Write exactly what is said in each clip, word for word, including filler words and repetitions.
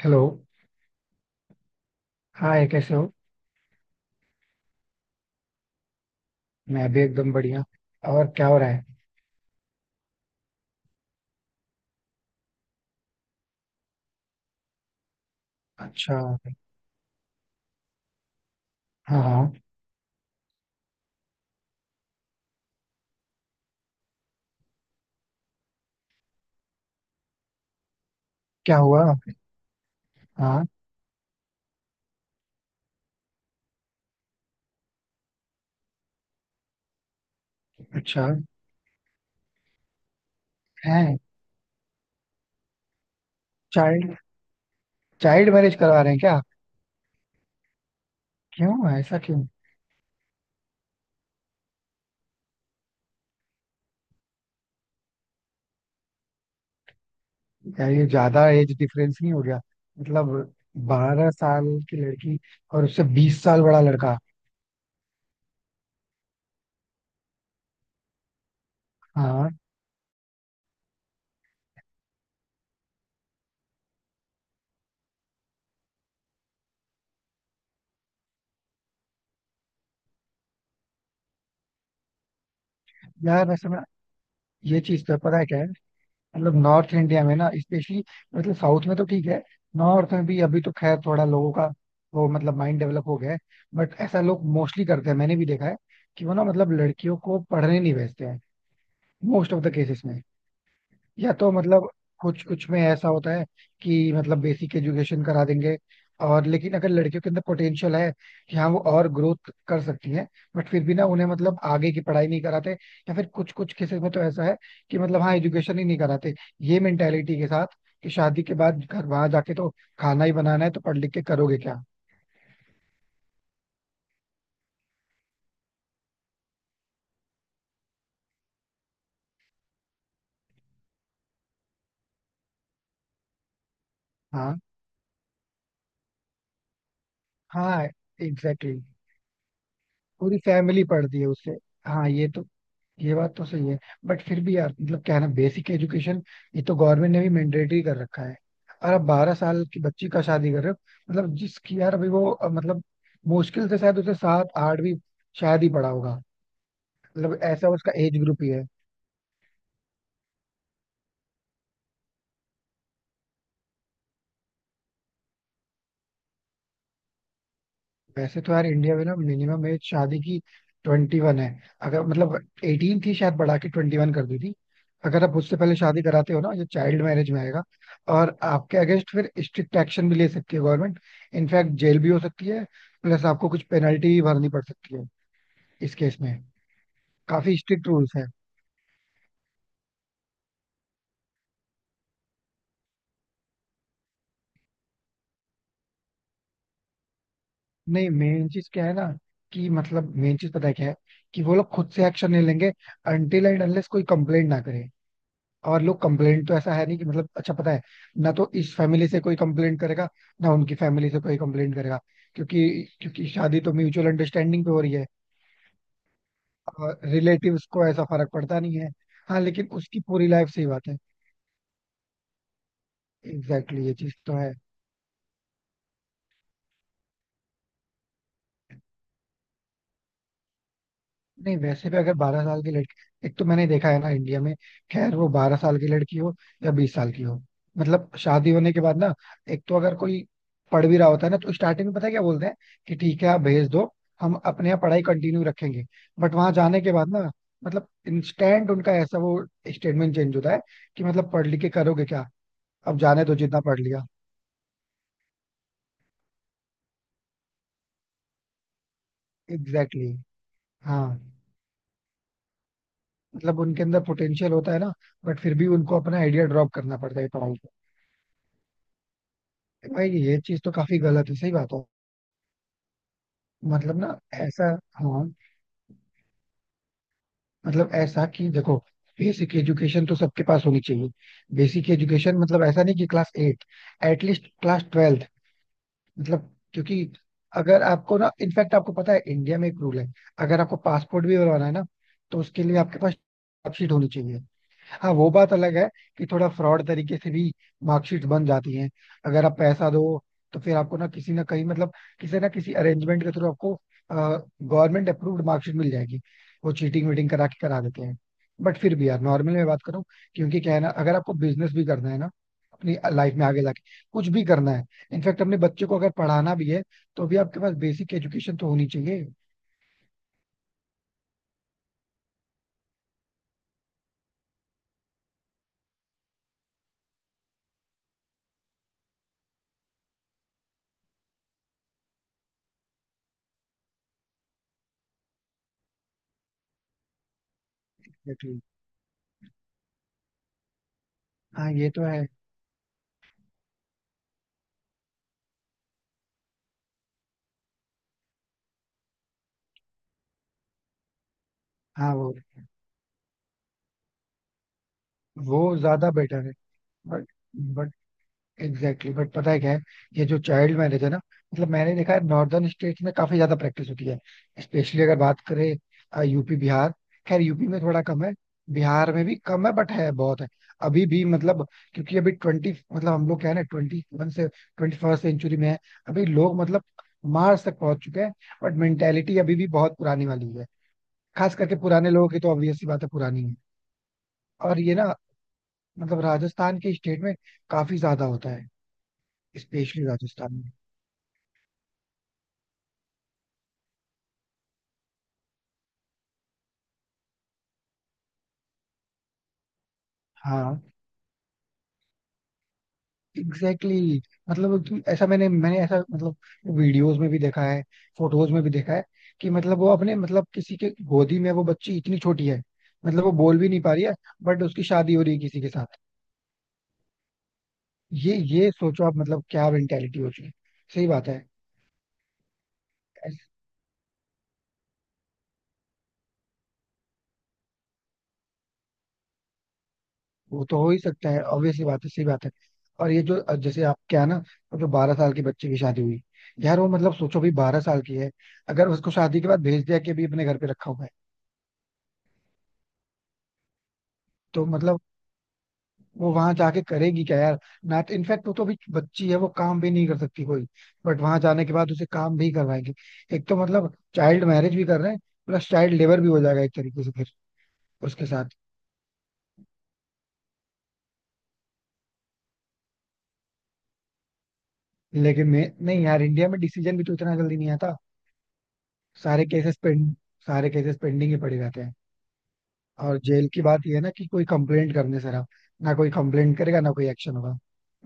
Hello. Hi, कैसे हो? मैं भी एकदम बढ़िया. और क्या हो रहा है? अच्छा. हाँ हाँ. क्या हुआ? हाँ. अच्छा. है. चाइल्ड चाइल्ड मैरिज करवा रहे हैं क्या? क्यों, ऐसा क्यों? यार, ये ज्यादा एज डिफरेंस नहीं हो गया? मतलब बारह साल की लड़की और उससे बीस साल बड़ा लड़का. हाँ. यार वैसे मैं, ये चीज तो पता है क्या है. मतलब नॉर्थ इंडिया में ना, स्पेशली. मतलब साउथ में तो ठीक है. नॉर्थ में भी अभी तो खैर थोड़ा लोगों का वो मतलब माइंड डेवलप हो गया है. बट ऐसा लोग मोस्टली करते हैं, मैंने भी देखा है कि वो ना मतलब लड़कियों को पढ़ने नहीं भेजते हैं, मोस्ट ऑफ द केसेस में. या तो मतलब कुछ कुछ में ऐसा होता है कि मतलब बेसिक एजुकेशन करा देंगे. और लेकिन अगर लड़कियों के अंदर पोटेंशियल है कि हाँ वो और ग्रोथ कर सकती हैं, बट फिर भी ना उन्हें मतलब आगे की पढ़ाई नहीं कराते, या फिर कुछ कुछ केसेस में तो ऐसा है कि मतलब हाँ एजुकेशन ही नहीं कराते, ये मेंटेलिटी के साथ कि शादी के बाद घर वहां जाके तो खाना ही बनाना है तो पढ़ लिख के करोगे क्या. हाँ हाँ एग्जैक्टली exactly. पूरी फैमिली पढ़ती है उससे. हाँ ये तो, ये बात तो सही है. बट फिर भी यार, मतलब क्या है ना, बेसिक एजुकेशन ये तो गवर्नमेंट ने भी मैंडेटरी कर रखा है. और आप बारह साल की बच्ची का शादी कर रहे हो. मतलब जिसकी यार, अभी वो अ, मतलब मुश्किल से शायद उसे सात आठ भी शायद ही पड़ा होगा. मतलब ऐसा उसका एज ग्रुप ही है. वैसे तो यार, इंडिया में ना मिनिमम एज शादी की ट्वेंटी वन है. अगर मतलब एटीन थी, शायद बढ़ा के ट्वेंटी वन कर दी थी. अगर आप उससे पहले शादी कराते हो ना, ये चाइल्ड मैरिज में आएगा. और आपके अगेंस्ट फिर स्ट्रिक्ट एक्शन भी ले सकती है गवर्नमेंट. इनफैक्ट जेल भी हो सकती है. प्लस आपको कुछ पेनल्टी भी भरनी पड़ सकती है इस केस में. काफी स्ट्रिक्ट रूल्स है. नहीं, मेन चीज क्या है ना, कि मतलब मेन चीज पता है क्या है, कि वो लोग खुद से एक्शन नहीं लेंगे अनटिल एंड अनलेस कोई कंप्लेंट ना करे. और लोग कंप्लेंट तो ऐसा है नहीं कि मतलब, अच्छा पता है, ना तो इस फैमिली से कोई कंप्लेंट करेगा ना उनकी फैमिली से कोई कंप्लेंट करेगा. क्योंकि क्योंकि शादी तो म्यूचुअल अंडरस्टैंडिंग पे हो रही है. और रिलेटिव्स को ऐसा फर्क पड़ता नहीं है. हाँ लेकिन उसकी पूरी लाइफ, सही बात है. एग्जैक्टली exactly, ये चीज तो है. नहीं, वैसे भी अगर बारह साल की लड़की, एक तो मैंने देखा है ना इंडिया में, खैर वो बारह साल की लड़की हो या बीस साल की हो, मतलब शादी होने के बाद ना, एक तो अगर कोई पढ़ भी रहा होता है ना, तो स्टार्टिंग में पता है क्या बोलते हैं कि ठीक है आप भेज दो, हम अपने यहाँ पढ़ाई कंटिन्यू रखेंगे. बट वहां जाने के बाद ना मतलब इंस्टेंट उनका ऐसा वो स्टेटमेंट चेंज होता है कि मतलब पढ़ लिख के करोगे क्या, अब जाने दो जितना पढ़ लिया. Exactly exactly. हाँ मतलब उनके अंदर पोटेंशियल होता है ना, बट फिर भी उनको अपना आइडिया ड्रॉप करना पड़ता है. भाई ये चीज तो काफी गलत है, सही बात हो. मतलब ना, ऐसा, हाँ मतलब ऐसा कि देखो, बेसिक एजुकेशन तो सबके पास होनी चाहिए. बेसिक एजुकेशन मतलब ऐसा नहीं कि class eight, at least class twelfth. मतलब क्योंकि अगर आपको ना, इनफैक्ट आपको पता है इंडिया में एक रूल है, अगर आपको पासपोर्ट भी बनवाना है ना, तो उसके लिए आपके पास मार्कशीट होनी चाहिए. हाँ वो बात अलग है कि थोड़ा फ्रॉड तरीके से भी मार्कशीट बन जाती हैं, अगर आप पैसा दो तो फिर आपको ना किसी ना कहीं, मतलब किसी ना किसी अरेंजमेंट के थ्रू आपको गवर्नमेंट अप्रूव्ड मार्कशीट मिल जाएगी. वो चीटिंग वीटिंग करा के करा देते हैं. बट फिर भी यार नॉर्मल में बात करूं, क्योंकि क्या है ना, अगर आपको बिजनेस भी करना है ना, अपनी लाइफ में आगे जाके कुछ भी करना है, इनफैक्ट अपने बच्चे को अगर पढ़ाना भी है, तो भी आपके पास बेसिक एजुकेशन तो होनी चाहिए. एग्जैक्टली. हाँ ये तो है. हाँ वो, वो ज्यादा बेटर है. But exactly exactly. बट पता है क्या है, ये जो चाइल्ड मैरिज है ना, मतलब मैंने देखा है नॉर्दर्न स्टेट्स में काफी ज्यादा प्रैक्टिस होती है, स्पेशली अगर बात करें यूपी बिहार, खैर यूपी में थोड़ा कम है, बिहार में भी कम है, बट है बहुत है. अभी भी मतलब क्योंकि अभी ट्वेंटी मतलब हम लोग क्या है ना, ट्वेंटी वन से ट्वेंटी फर्स्ट सेंचुरी में है. अभी लोग मतलब मार्स तक पहुंच चुके हैं. बट मेंटेलिटी अभी भी बहुत पुरानी वाली है, खास करके पुराने लोगों की तो ऑब्वियस सी बात है, पुरानी है. और ये ना मतलब राजस्थान के स्टेट में काफी ज्यादा होता है, स्पेशली राजस्थान में. हाँ एग्जैक्टली exactly. मतलब कि ऐसा मैंने मैंने ऐसा मतलब वीडियोस में भी देखा है, फोटोज में भी देखा है कि मतलब वो अपने मतलब किसी के गोदी में वो बच्ची इतनी छोटी है, मतलब वो बोल भी नहीं पा रही है, बट उसकी शादी हो रही है किसी के साथ. ये ये सोचो आप मतलब क्या मेंटेलिटी हो चुकी है. सही बात है. ऐस- वो तो हो ही सकता है, ऑब्वियसली बात है, सही बात है. और ये जो जैसे आप क्या ना, वो जो बारह साल के बच्चे की शादी हुई, यार वो मतलब सोचो भी बारह साल की है, अगर उसको शादी के बाद भेज दिया कि अभी अपने घर पे रखा हुआ है, तो मतलब वो वहां जाके करेगी क्या यार. ना इनफैक्ट वो तो अभी बच्ची है, वो काम भी नहीं कर सकती कोई, बट वहां जाने के बाद उसे काम भी करवाएंगे. एक तो मतलब चाइल्ड मैरिज भी कर रहे हैं, प्लस चाइल्ड लेबर भी हो जाएगा एक तरीके से फिर उसके साथ. लेकिन मैं नहीं यार, इंडिया में डिसीजन भी तो इतना जल्दी नहीं आता. सारे केसेस पेंड सारे केसेस पेंडिंग ही पड़े रहते हैं. और जेल की बात यह है ना कि कोई कंप्लेंट करने से रहा, ना कोई कंप्लेंट करेगा ना कोई एक्शन होगा.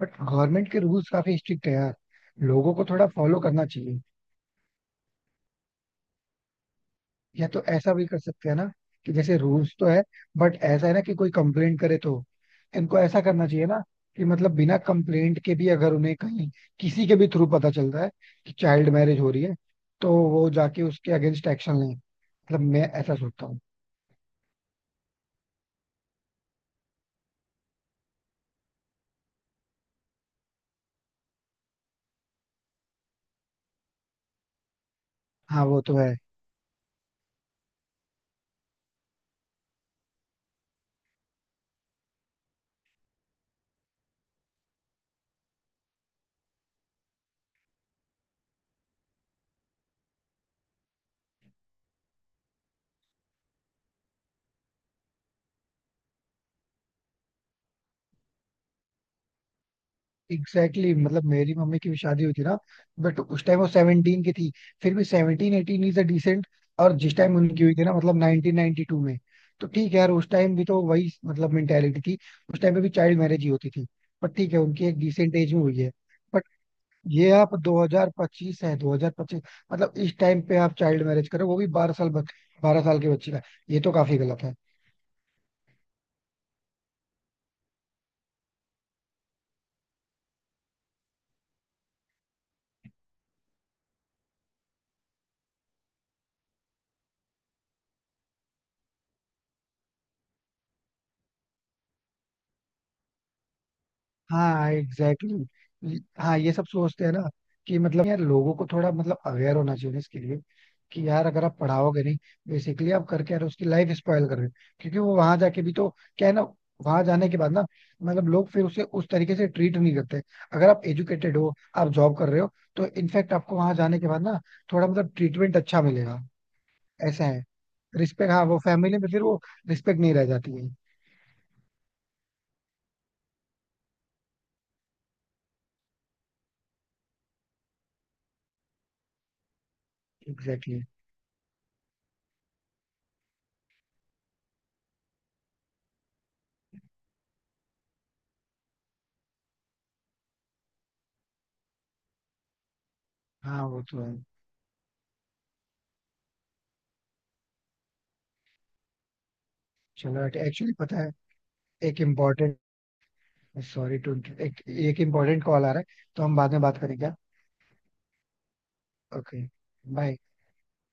बट गवर्नमेंट के रूल्स काफी स्ट्रिक्ट है यार, लोगों को थोड़ा फॉलो करना चाहिए. या तो ऐसा भी कर सकते हैं ना कि जैसे रूल्स तो है बट ऐसा है ना कि कोई कंप्लेंट करे तो, इनको ऐसा करना चाहिए ना कि मतलब बिना कंप्लेंट के भी अगर उन्हें कहीं किसी के भी थ्रू पता चल रहा है कि चाइल्ड मैरिज हो रही है, तो वो जाके उसके अगेंस्ट एक्शन लें, मतलब मैं ऐसा सोचता हूँ. हाँ वो तो है. एग्जैक्टली exactly, मतलब मेरी मम्मी की भी शादी हुई थी ना, बट उस टाइम वो सेवनटीन की थी. फिर भी seventeen eighteen is a decent. और जिस टाइम उनकी हुई थी ना, मतलब नाइनटीन नाइंटी टू में, तो ठीक है यार, उस टाइम भी तो वही मतलब मेंटेलिटी थी. उस टाइम पे भी चाइल्ड मैरिज ही होती थी, बट ठीक है उनकी एक डिसेंट एज में हुई है. बट ये आप दो हज़ार पच्चीस है, दो हज़ार पच्चीस मतलब इस टाइम पे आप चाइल्ड मैरिज करो, वो भी बारह साल बच बारह साल के बच्चे का, ये तो काफी गलत है. हाँ एग्जैक्टली exactly. हाँ ये सब सोचते हैं ना कि मतलब यार लोगों को थोड़ा मतलब अवेयर होना चाहिए ना इसके लिए कि यार अगर आप पढ़ाओगे नहीं, बेसिकली आप करके यार उसकी लाइफ स्पॉयल कर रहे हो. क्योंकि वो वहां जाके भी तो क्या है ना, वहां जाने के बाद ना मतलब लोग फिर उसे उस तरीके से ट्रीट नहीं करते. अगर आप एजुकेटेड हो, आप जॉब कर रहे हो, तो इनफैक्ट आपको वहां जाने के बाद ना थोड़ा मतलब ट्रीटमेंट अच्छा मिलेगा. ऐसा है. रिस्पेक्ट, हाँ वो फैमिली में फिर वो रिस्पेक्ट नहीं रह जाती है. Exactly exactly. हाँ वो तो है. चलो एक्चुअली पता है, एक इम्पोर्टेंट, सॉरी टू, एक एक इम्पोर्टेंट कॉल आ रहा है, तो हम बाद में बात करें क्या. ओके. बाय.